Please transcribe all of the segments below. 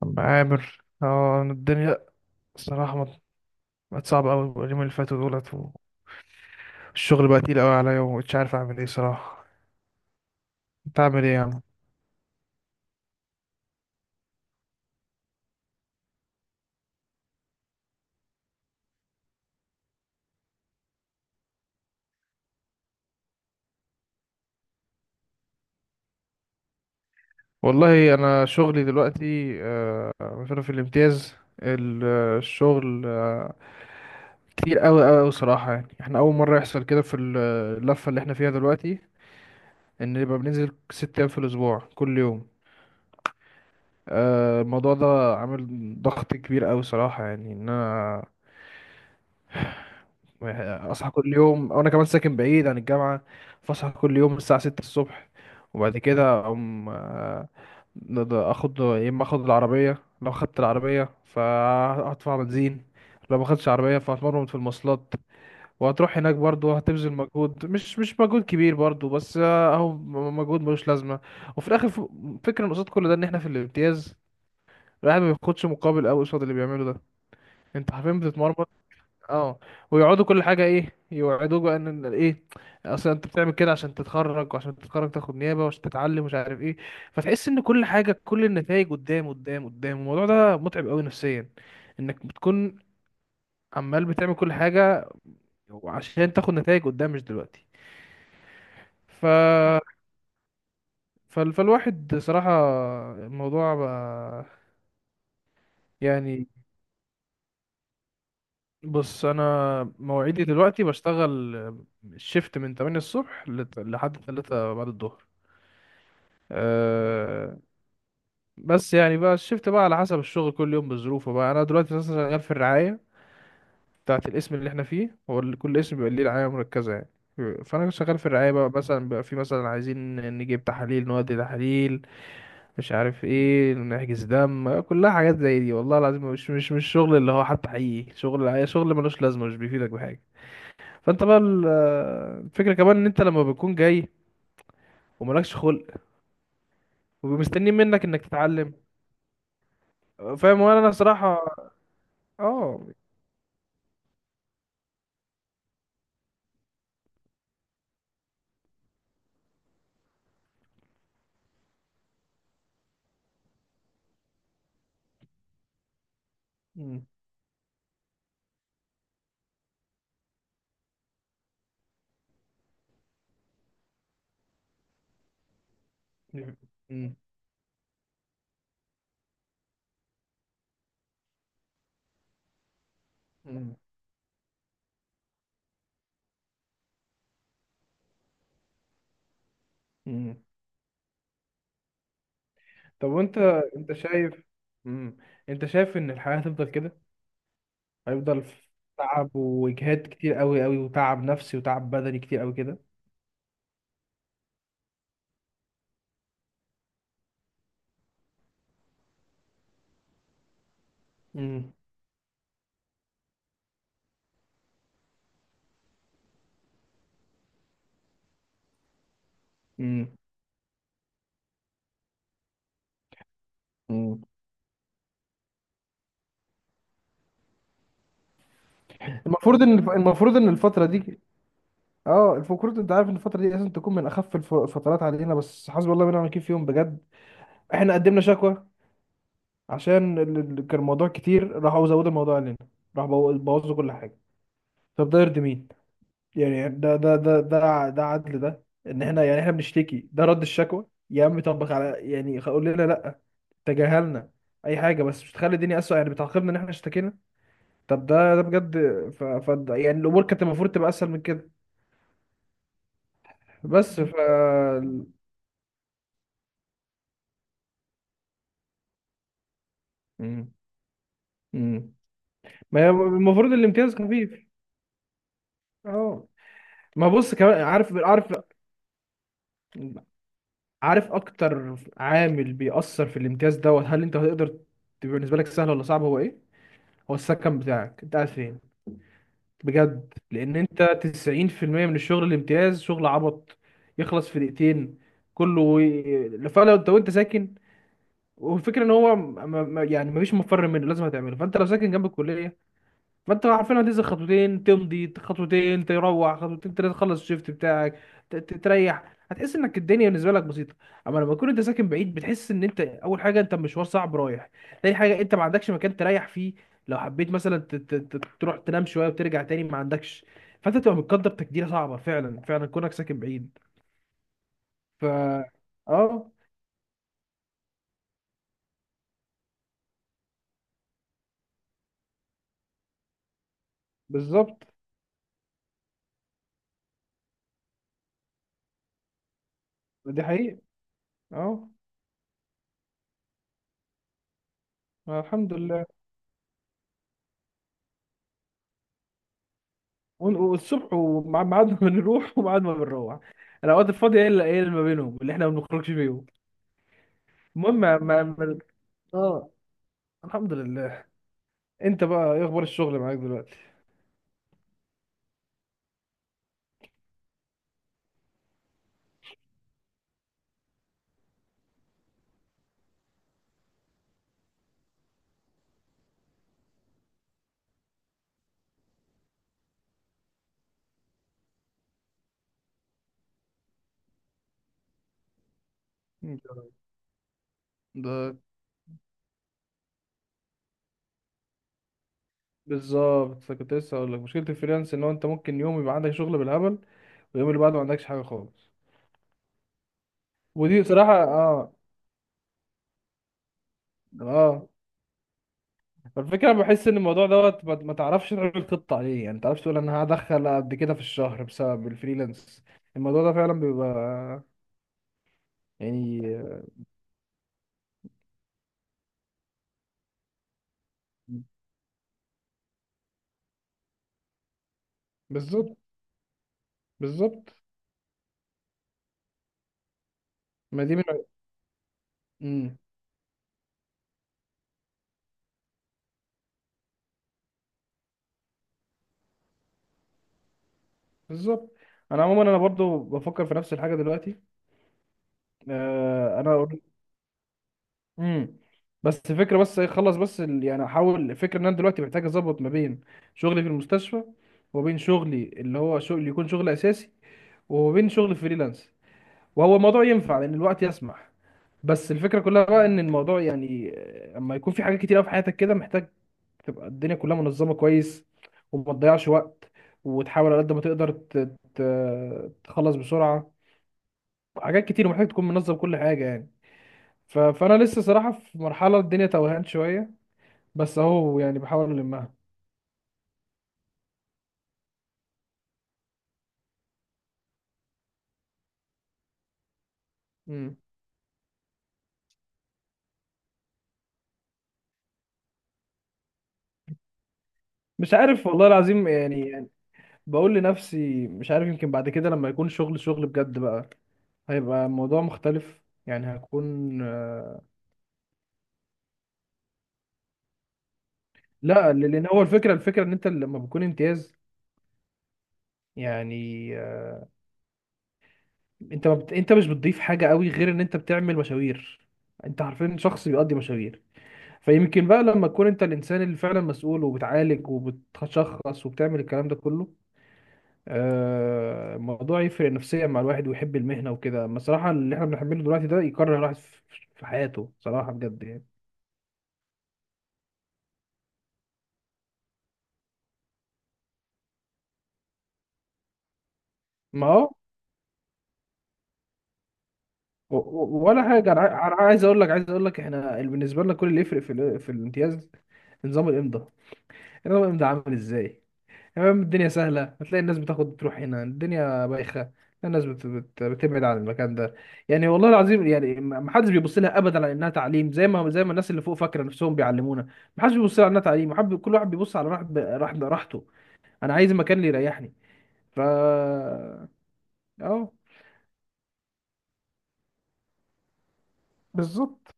طب عامر اه الدنيا صراحة بقت صعبة أوي اليومين اللي فاتوا دولت، والشغل بقى تقيل أوي عليا ومش عارف أعمل إيه صراحة. أنت عامل إيه يا عم؟ والله أنا شغلي دلوقتي مثلا في الامتياز، الشغل كتير أوي أوي صراحة، يعني إحنا أول مرة يحصل كده في اللفة اللي إحنا فيها دلوقتي، إن يبقى بننزل ست أيام في الأسبوع كل يوم. الموضوع ده عامل ضغط كبير أوي صراحة، يعني إن أنا اصحى كل يوم وانا كمان ساكن بعيد عن الجامعه، فاصحى كل يوم الساعه 6 الصبح، وبعد كده اقوم اخد، يا اما اخد العربيه، لو خدت العربيه فهدفع بنزين، لو ما خدتش عربيه فهتمرمط في المواصلات، وهتروح هناك برضه هتبذل مجهود، مش مجهود كبير برضه بس مجهود ملوش لازمه. وفي الاخر فكرة إن قصاد كل ده ان احنا في الامتياز الواحد ما بياخدش مقابل قوي قصاد اللي بيعمله ده. انت حرفيا بتتمرمط. اه. ويقعدوا كل حاجه ايه يوعدوك بقى ان ايه، اصل انت بتعمل كده عشان تتخرج، وعشان تتخرج تاخد نيابه، وعشان تتعلم مش عارف ايه. فتحس ان كل حاجه، كل النتائج قدام قدام، الموضوع ده متعب قوي نفسيا، انك بتكون عمال بتعمل كل حاجه عشان تاخد نتائج قدام مش دلوقتي. ف فالواحد صراحه الموضوع بقى، يعني. بص، انا مواعيدي دلوقتي بشتغل الشيفت من 8 الصبح لحد 3 بعد الظهر. أه، بس يعني بقى الشفت بقى على حسب الشغل، كل يوم بظروفه بقى. انا دلوقتي مثلا شغال في الرعايه بتاعه الاسم اللي احنا فيه، هو اللي كل اسم بيبقى ليه رعايه مركزه يعني. فانا شغال في الرعايه بقى، مثلا بقى في مثلا عايزين نجيب تحاليل، نودي تحاليل، مش عارف ايه، نحجز دم، كلها حاجات زي دي. والله العظيم مش شغل اللي هو حتى، حقيقي شغل الرعايه شغل ملوش لازمه، مش بيفيدك بحاجه. فانت بقى الفكره كمان ان انت لما بتكون جاي وملكش خلق ومستنيين منك انك تتعلم. فاهم. وانا أنا صراحه، اه. مم. مم. مم. مم. طب وانت، انت شايف. مم. انت شايف ان الحياة هتفضل كده؟ هيفضل في تعب واجهاد كتير قوي قوي، وتعب نفسي وتعب بدني كتير قوي كده. مم. مم. مم. المفروض ان الفترة دي، اه، المفروض انت عارف ان الفترة دي لازم تكون من اخف الفترات علينا، بس حسبي الله ونعم الوكيل فيهم بجد. احنا قدمنا شكوى عشان كان الموضوع كتير، راحوا زودوا الموضوع علينا، راحوا بوظوا كل حاجة. طب ده يرضي مين؟ يعني ده ده عدل؟ ده ان احنا يعني احنا بنشتكي، ده رد الشكوى؟ يا عم طبق على يعني، قول لنا لا، تجاهلنا، اي حاجه، بس مش تخلي الدنيا اسوء، يعني بتعاقبنا ان احنا اشتكينا. طب ده بجد. ف يعني الامور كانت المفروض تبقى اسهل من كده، بس ف. مم. مم. ما هي المفروض الامتياز خفيف. اه. ما بص، كمان عارف، عارف اكتر عامل بيأثر في الامتياز دوت، هل انت هتقدر تبقى بالنسبه لك سهل ولا صعب؟ هو ايه هو السكن بتاعك، انت قاعد فين؟ بجد، لان انت 90% من الشغل الامتياز شغل عبط، يخلص في دقيقتين، كله فلو انت وانت ساكن، والفكره ان هو يعني مفيش مفر منه لازم هتعمله، فانت لو ساكن جنب الكليه فانت عارفين هتنزل خطوتين، تمضي خطوتين، تروح خطوتين تلاته، تخلص الشيفت بتاعك، تريح، هتحس انك الدنيا بالنسبه لك بسيطه. اما لما تكون انت ساكن بعيد، بتحس ان انت اول حاجه انت مشوار صعب رايح، تاني حاجه انت ما عندكش مكان تريح فيه، لو حبيت مثلا تروح تنام شويه وترجع تاني ما عندكش. فانت تبقى متقدر تقديره صعبه فعلا، فعلا كونك ساكن بعيد. ف، اه، بالظبط. دي حقيقه. اه. الحمد لله. والصبح وميعاد ما بنروح وميعاد ما بنروح، الاوقات الفاضيه هي اللي اللي ما بينهم اللي احنا ما بنخرجش فيهم. المهم ما، اه. الحمد لله. انت بقى ايه اخبار الشغل معاك دلوقتي؟ انت ده بالظبط كنت لسه هقول لك، مشكله الفريلانس ان هو انت ممكن يوم يبقى عندك شغل بالهبل، واليوم اللي بعده ما عندكش حاجه خالص. ودي بصراحه، اه، اه، فالفكره انا بحس ان الموضوع دوت ما تعرفش تعمل خطه عليه، يعني ما تعرفش تقول انا هدخل قد كده في الشهر بسبب الفريلانس. الموضوع ده فعلا بيبقى يعني، بالظبط، بالظبط. ما دي من، امم، بالظبط. انا عموما انا برضو بفكر في نفس الحاجه دلوقتي، آه انا. امم. بس فكره بس إيه، خلص بس يعني احاول، الفكره ان انا دلوقتي محتاج اظبط ما بين شغلي في المستشفى، وبين شغلي اللي هو شغل يكون شغل اساسي، وبين شغل فريلانس، وهو الموضوع ينفع لان الوقت يسمح. بس الفكره كلها بقى ان الموضوع يعني اما يكون في حاجات كتير أوي في حياتك كده، محتاج تبقى الدنيا كلها منظمة كويس، وما تضيعش وقت، وتحاول على قد ما تقدر تخلص بسرعة، حاجات كتير ومحتاج تكون منظم كل حاجة يعني. ف... فأنا لسه صراحة في مرحلة الدنيا توهان شوية، بس أهو يعني بحاول ألمها. مم. مش عارف والله العظيم يعني, يعني، بقول لنفسي مش عارف، يمكن بعد كده لما يكون شغل، شغل بجد بقى، هيبقى الموضوع مختلف، يعني هكون لا. لأن هو الفكرة إن أنت لما بتكون امتياز، يعني انت ما بت... انت مش بتضيف حاجه قوي غير ان انت بتعمل مشاوير، انت عارفين شخص بيقضي مشاوير. فيمكن بقى لما تكون انت الانسان اللي فعلا مسؤول، وبتعالج وبتشخص وبتعمل الكلام ده كله، الموضوع يفرق نفسيا مع الواحد ويحب المهنه وكده، اما الصراحه اللي احنا بنحمله دلوقتي ده يكره الواحد في في حياته صراحه بجد يعني. ما هو ولا حاجه، انا انا عايز اقول لك، عايز اقول لك احنا بالنسبه لنا كل اللي يفرق في في الامتياز نظام الامضاء. نظام الامضاء عامل ازاي، تمام، الدنيا سهلة، هتلاقي الناس بتاخد تروح هنا الدنيا بايخة الناس بتبعد عن المكان ده. يعني والله العظيم يعني، ما حدش بيبص لها ابدا على انها تعليم، زي ما الناس اللي فوق فاكره نفسهم بيعلمونا. ما حدش بيبص لها على انها تعليم، كل واحد بيبص على راحت ب... راحت راحته، انا عايز مكان اللي يريحني. ف، اه، بالظبط.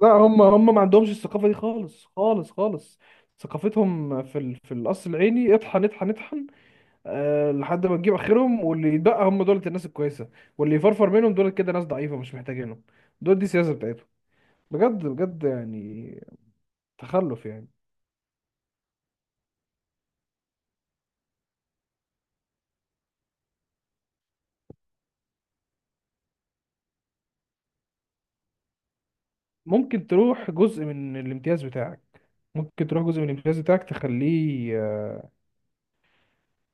لا، هم ما عندهمش الثقافة دي خالص خالص. ثقافتهم في في القصر العيني اطحن اطحن، لحد ما تجيب اخرهم، واللي يتبقى هم دولت الناس الكويسه، واللي يفرفر منهم دولت كده ناس ضعيفه مش محتاجينهم. دول دي السياسه بتاعتهم، بجد بجد يعني، تخلف يعني. ممكن تروح جزء من الامتياز بتاعك، ممكن تروح جزء من الامتياز بتاعك تخليه آه،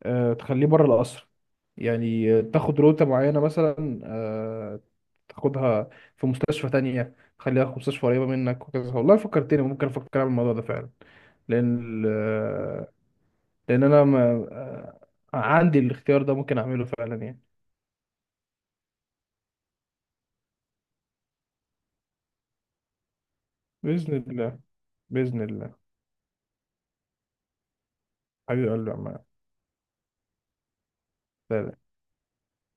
آه، تخليه بره القصر، يعني تاخد روتة معينة مثلا، تاخدها في مستشفى تانية، تخليها في مستشفى قريبة منك وكذا. والله فكرتني، ممكن أفكر أعمل الموضوع ده فعلا، لأن لان انا ما آه، عندي الاختيار ده ممكن اعمله فعلا يعني. باذن الله، باذن الله. حبيبي قلبي يا عم.